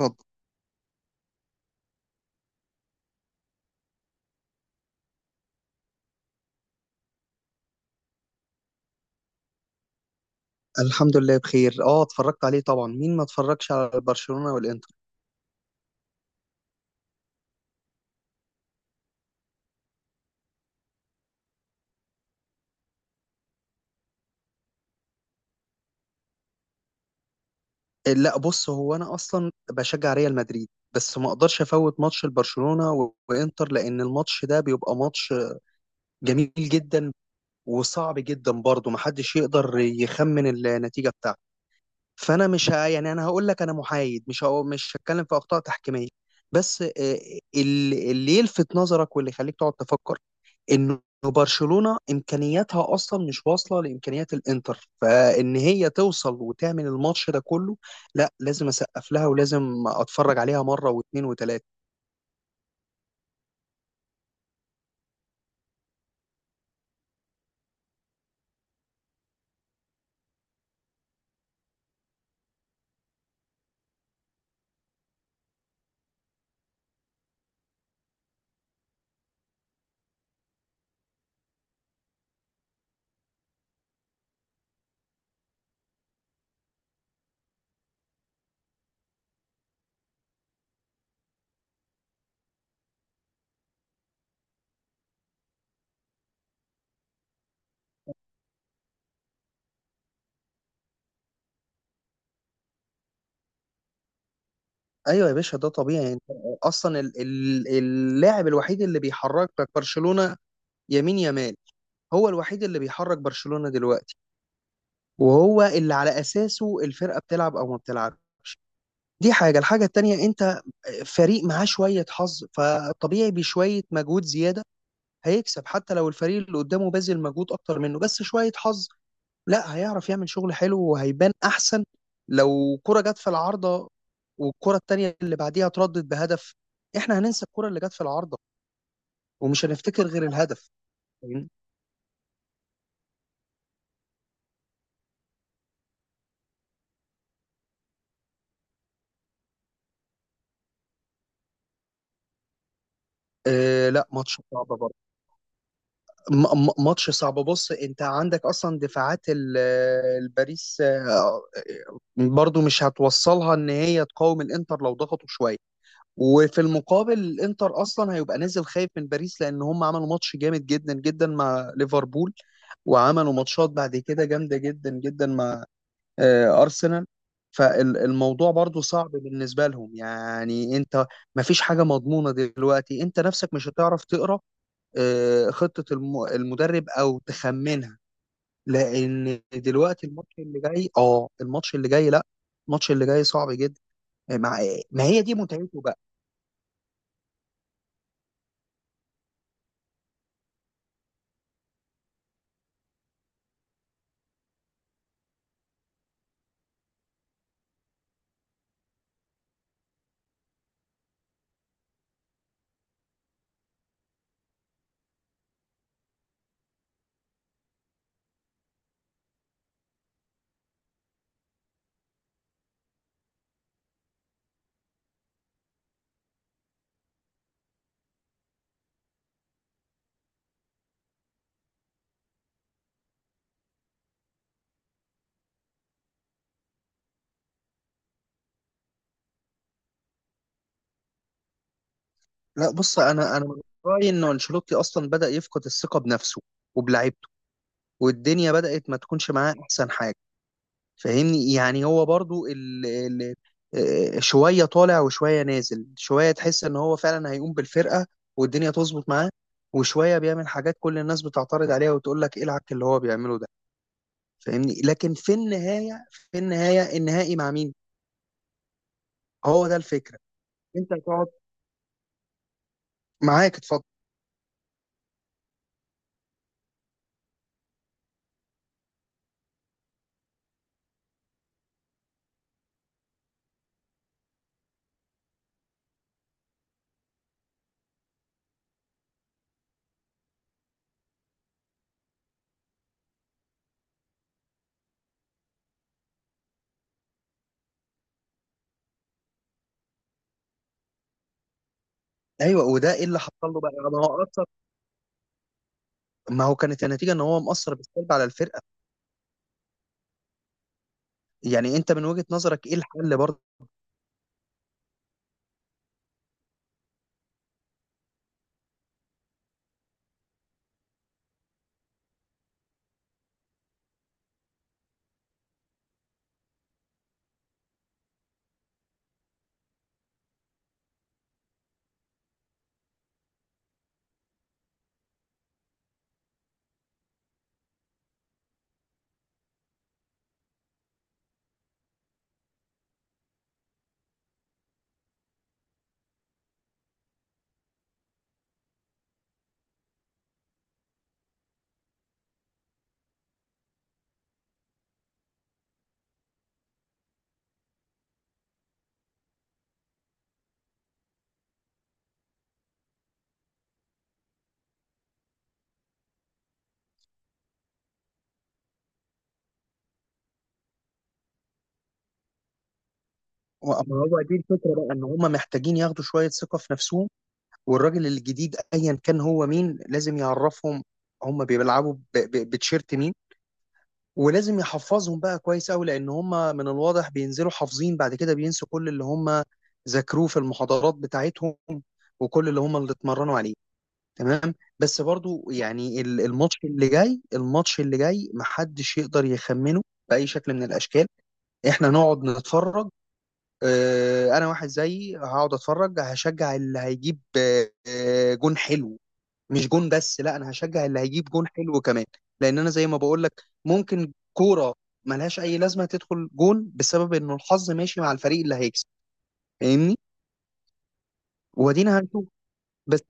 اتفضل. الحمد لله بخير. اه اتفرجت عليه طبعا، مين ما اتفرجش على برشلونة والانتر؟ إيه، لا، بص هو انا اصلا بشجع ريال مدريد، بس ما اقدرش افوت ماتش البرشلونة وانتر، لان الماتش ده بيبقى ماتش جميل جدا وصعب جدا برضه، محدش يقدر يخمن النتيجة بتاعته. فانا مش ه... يعني انا هقول لك انا محايد، مش هتكلم في اخطاء تحكيمية، بس اللي يلفت نظرك واللي يخليك تقعد تفكر انه برشلونة امكانياتها اصلا مش واصلة لامكانيات الانتر، فان هي توصل وتعمل الماتش ده كله، لا، لازم اسقف لها ولازم اتفرج عليها مرة واثنين وثلاثة. ايوه يا باشا، ده طبيعي. انت اصلا اللاعب الوحيد اللي بيحركك برشلونة يمين يمال، هو الوحيد اللي بيحرك برشلونة دلوقتي، وهو اللي على اساسه الفرقة بتلعب او ما بتلعبش. دي حاجة. الحاجة التانية، انت فريق معاه شوية حظ فطبيعي بشوية مجهود زيادة هيكسب حتى لو الفريق اللي قدامه باذل مجهود اكتر منه، بس شويه حظ، لا هيعرف يعمل شغل حلو وهيبان احسن. لو كرة جت في العارضة والكرة التانية اللي بعديها اتردت بهدف، احنا هننسى الكرة اللي جت في العارضة ومش هنفتكر غير الهدف. فاهمني؟ آه، لا، ماتش صعب برضه. ماتش صعب. بص، انت عندك اصلا دفاعات الباريس، برضه مش هتوصلها ان هي تقاوم الانتر لو ضغطوا شوية. وفي المقابل الانتر اصلا هيبقى نازل خايف من باريس، لان هم عملوا ماتش جامد جدا جدا مع ليفربول، وعملوا ماتشات بعد كده جامده جدا جدا مع ارسنال. فالموضوع برضو صعب بالنسبه لهم، يعني انت. ما فيش حاجه مضمونه دلوقتي، انت نفسك مش هتعرف تقرا خطه المدرب او تخمنها، لان دلوقتي الماتش اللي جاي لا، الماتش اللي جاي صعب جدا مع. ما هي دي متعته بقى. لا، بص، انا من رايي انه انشيلوتي اصلا بدا يفقد الثقه بنفسه وبلعيبته، والدنيا بدات ما تكونش معاه احسن حاجه. فاهمني؟ يعني هو برضو ال ال آه، شويه طالع وشويه نازل، شويه تحس ان هو فعلا هيقوم بالفرقه والدنيا تظبط معاه، وشويه بيعمل حاجات كل الناس بتعترض عليها وتقول لك ايه العك اللي هو بيعمله ده. فاهمني؟ لكن في النهايه، النهائي مع مين، هو ده الفكره. انت هتقعد. معاك، اتفضل. ايوه، وده ايه اللي حصل له بقى؟ ما هو، كانت النتيجة ان هو مأثر بالسلب على الفرقة. يعني انت من وجهة نظرك ايه الحل برضه؟ ما هو دي الفكرة بقى، ان هم محتاجين ياخدوا شوية ثقة في نفسهم، والراجل الجديد ايا كان هو مين لازم يعرفهم هم بيلعبوا بتشيرت مين، ولازم يحفظهم بقى كويس قوي، لان هم من الواضح بينزلوا حافظين بعد كده بينسوا كل اللي هم ذاكروه في المحاضرات بتاعتهم، وكل اللي هم اللي اتمرنوا عليه. تمام. بس برضو يعني الماتش اللي جاي محدش يقدر يخمنه بأي شكل من الأشكال. احنا نقعد نتفرج. اه انا واحد زيي هقعد اتفرج، هشجع اللي هيجيب جون حلو. مش جون بس، لا، انا هشجع اللي هيجيب جون حلو كمان، لان انا زي ما بقول لك ممكن كورة ملهاش اي لازمة تدخل جون بسبب انه الحظ ماشي مع الفريق اللي هيكسب. فاهمني؟ ودينا هنشوف. بس،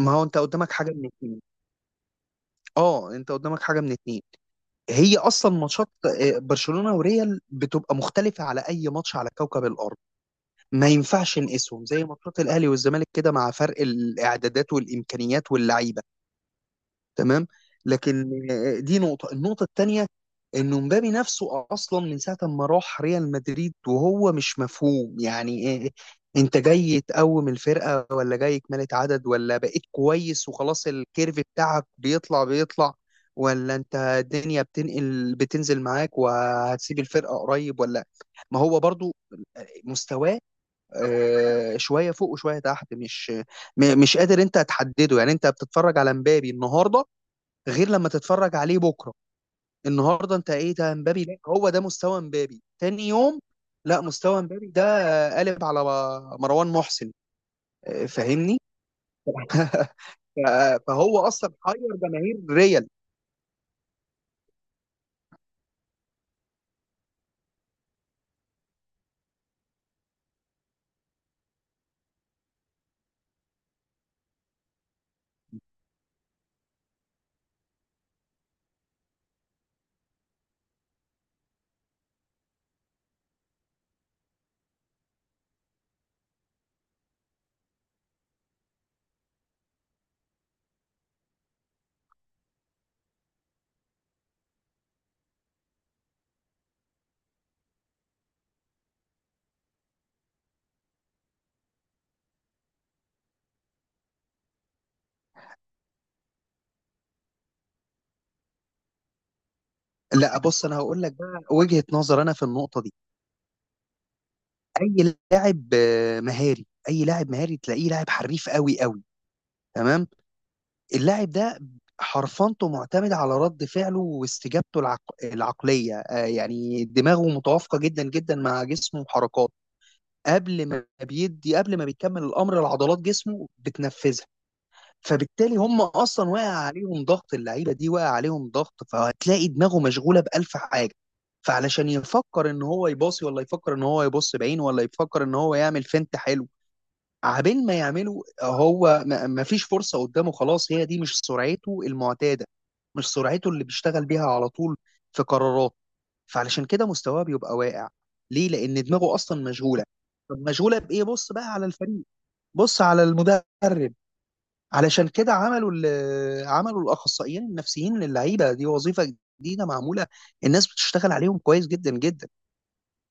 ما هو انت قدامك حاجة من اتنين، اه انت قدامك حاجة من اتنين. هي اصلا ماتشات برشلونه وريال بتبقى مختلفه على اي ماتش على كوكب الارض. ما ينفعش نقيسهم زي ماتشات الاهلي والزمالك كده مع فرق الاعدادات والامكانيات واللعيبه. تمام. لكن دي النقطة التانية، انه مبابي نفسه اصلا من ساعة ما راح ريال مدريد وهو مش مفهوم. يعني إيه، انت جاي تقوم الفرقة ولا جاي كمالة عدد، ولا بقيت كويس وخلاص الكيرف بتاعك بيطلع بيطلع، ولا انت الدنيا بتنقل بتنزل معاك وهتسيب الفرقة قريب ولا. ما هو برضو مستواه شوية فوق وشوية تحت، مش مش قادر انت تحدده. يعني انت بتتفرج على مبابي النهاردة غير لما تتفرج عليه بكره. النهارده انت ايه ده امبابي؟ لا، هو ده مستوى امبابي؟ تاني يوم، لا، مستوى امبابي ده قالب على مروان محسن. فاهمني؟ فهو اصلا حير جماهير ريال. لا، بص، انا هقول لك بقى وجهة نظر انا في النقطه دي. اي لاعب مهاري، تلاقيه لاعب حريف قوي قوي. تمام. اللاعب ده حرفنته معتمدة على رد فعله واستجابته العقلية، يعني دماغه متوافقة جدا جدا مع جسمه وحركاته. قبل ما بيكمل الأمر لعضلات جسمه بتنفذها. فبالتالي هم أصلا واقع عليهم ضغط، اللعيبة دي واقع عليهم ضغط، فهتلاقي دماغه مشغولة بألف حاجة. فعلشان يفكر ان هو يباصي، ولا يفكر ان هو يبص بعين، ولا يفكر ان هو يعمل فنت حلو. عبين ما يعملوا هو ما فيش فرصة قدامه خلاص، هي دي مش سرعته المعتادة، مش سرعته اللي بيشتغل بيها على طول في قرارات. فعلشان كده مستواه بيبقى واقع. ليه؟ لأن دماغه أصلا مشغولة. طب مشغولة بإيه؟ بص بقى على الفريق، بص على المدرب. علشان كده عملوا عملوا الأخصائيين النفسيين للعيبة دي وظيفة جديدة معمولة، الناس بتشتغل عليهم كويس جدا جدا.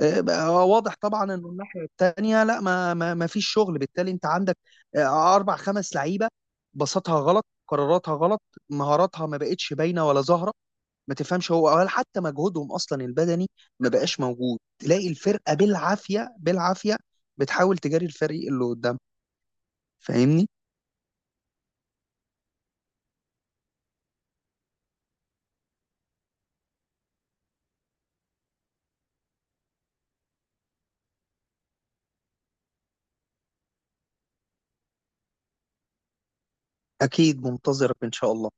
بقى واضح طبعا انه الناحيه الثانيه لا، ما فيش شغل. بالتالي انت عندك اربع خمس لعيبه، بساطها غلط، قراراتها غلط، مهاراتها ما بقتش باينه ولا ظاهره ما تفهمش هو، ولا حتى مجهودهم اصلا البدني ما بقاش موجود. تلاقي الفرقه بالعافيه بالعافيه بتحاول تجاري الفريق اللي قدام. فاهمني؟ اكيد منتظرك ان شاء الله.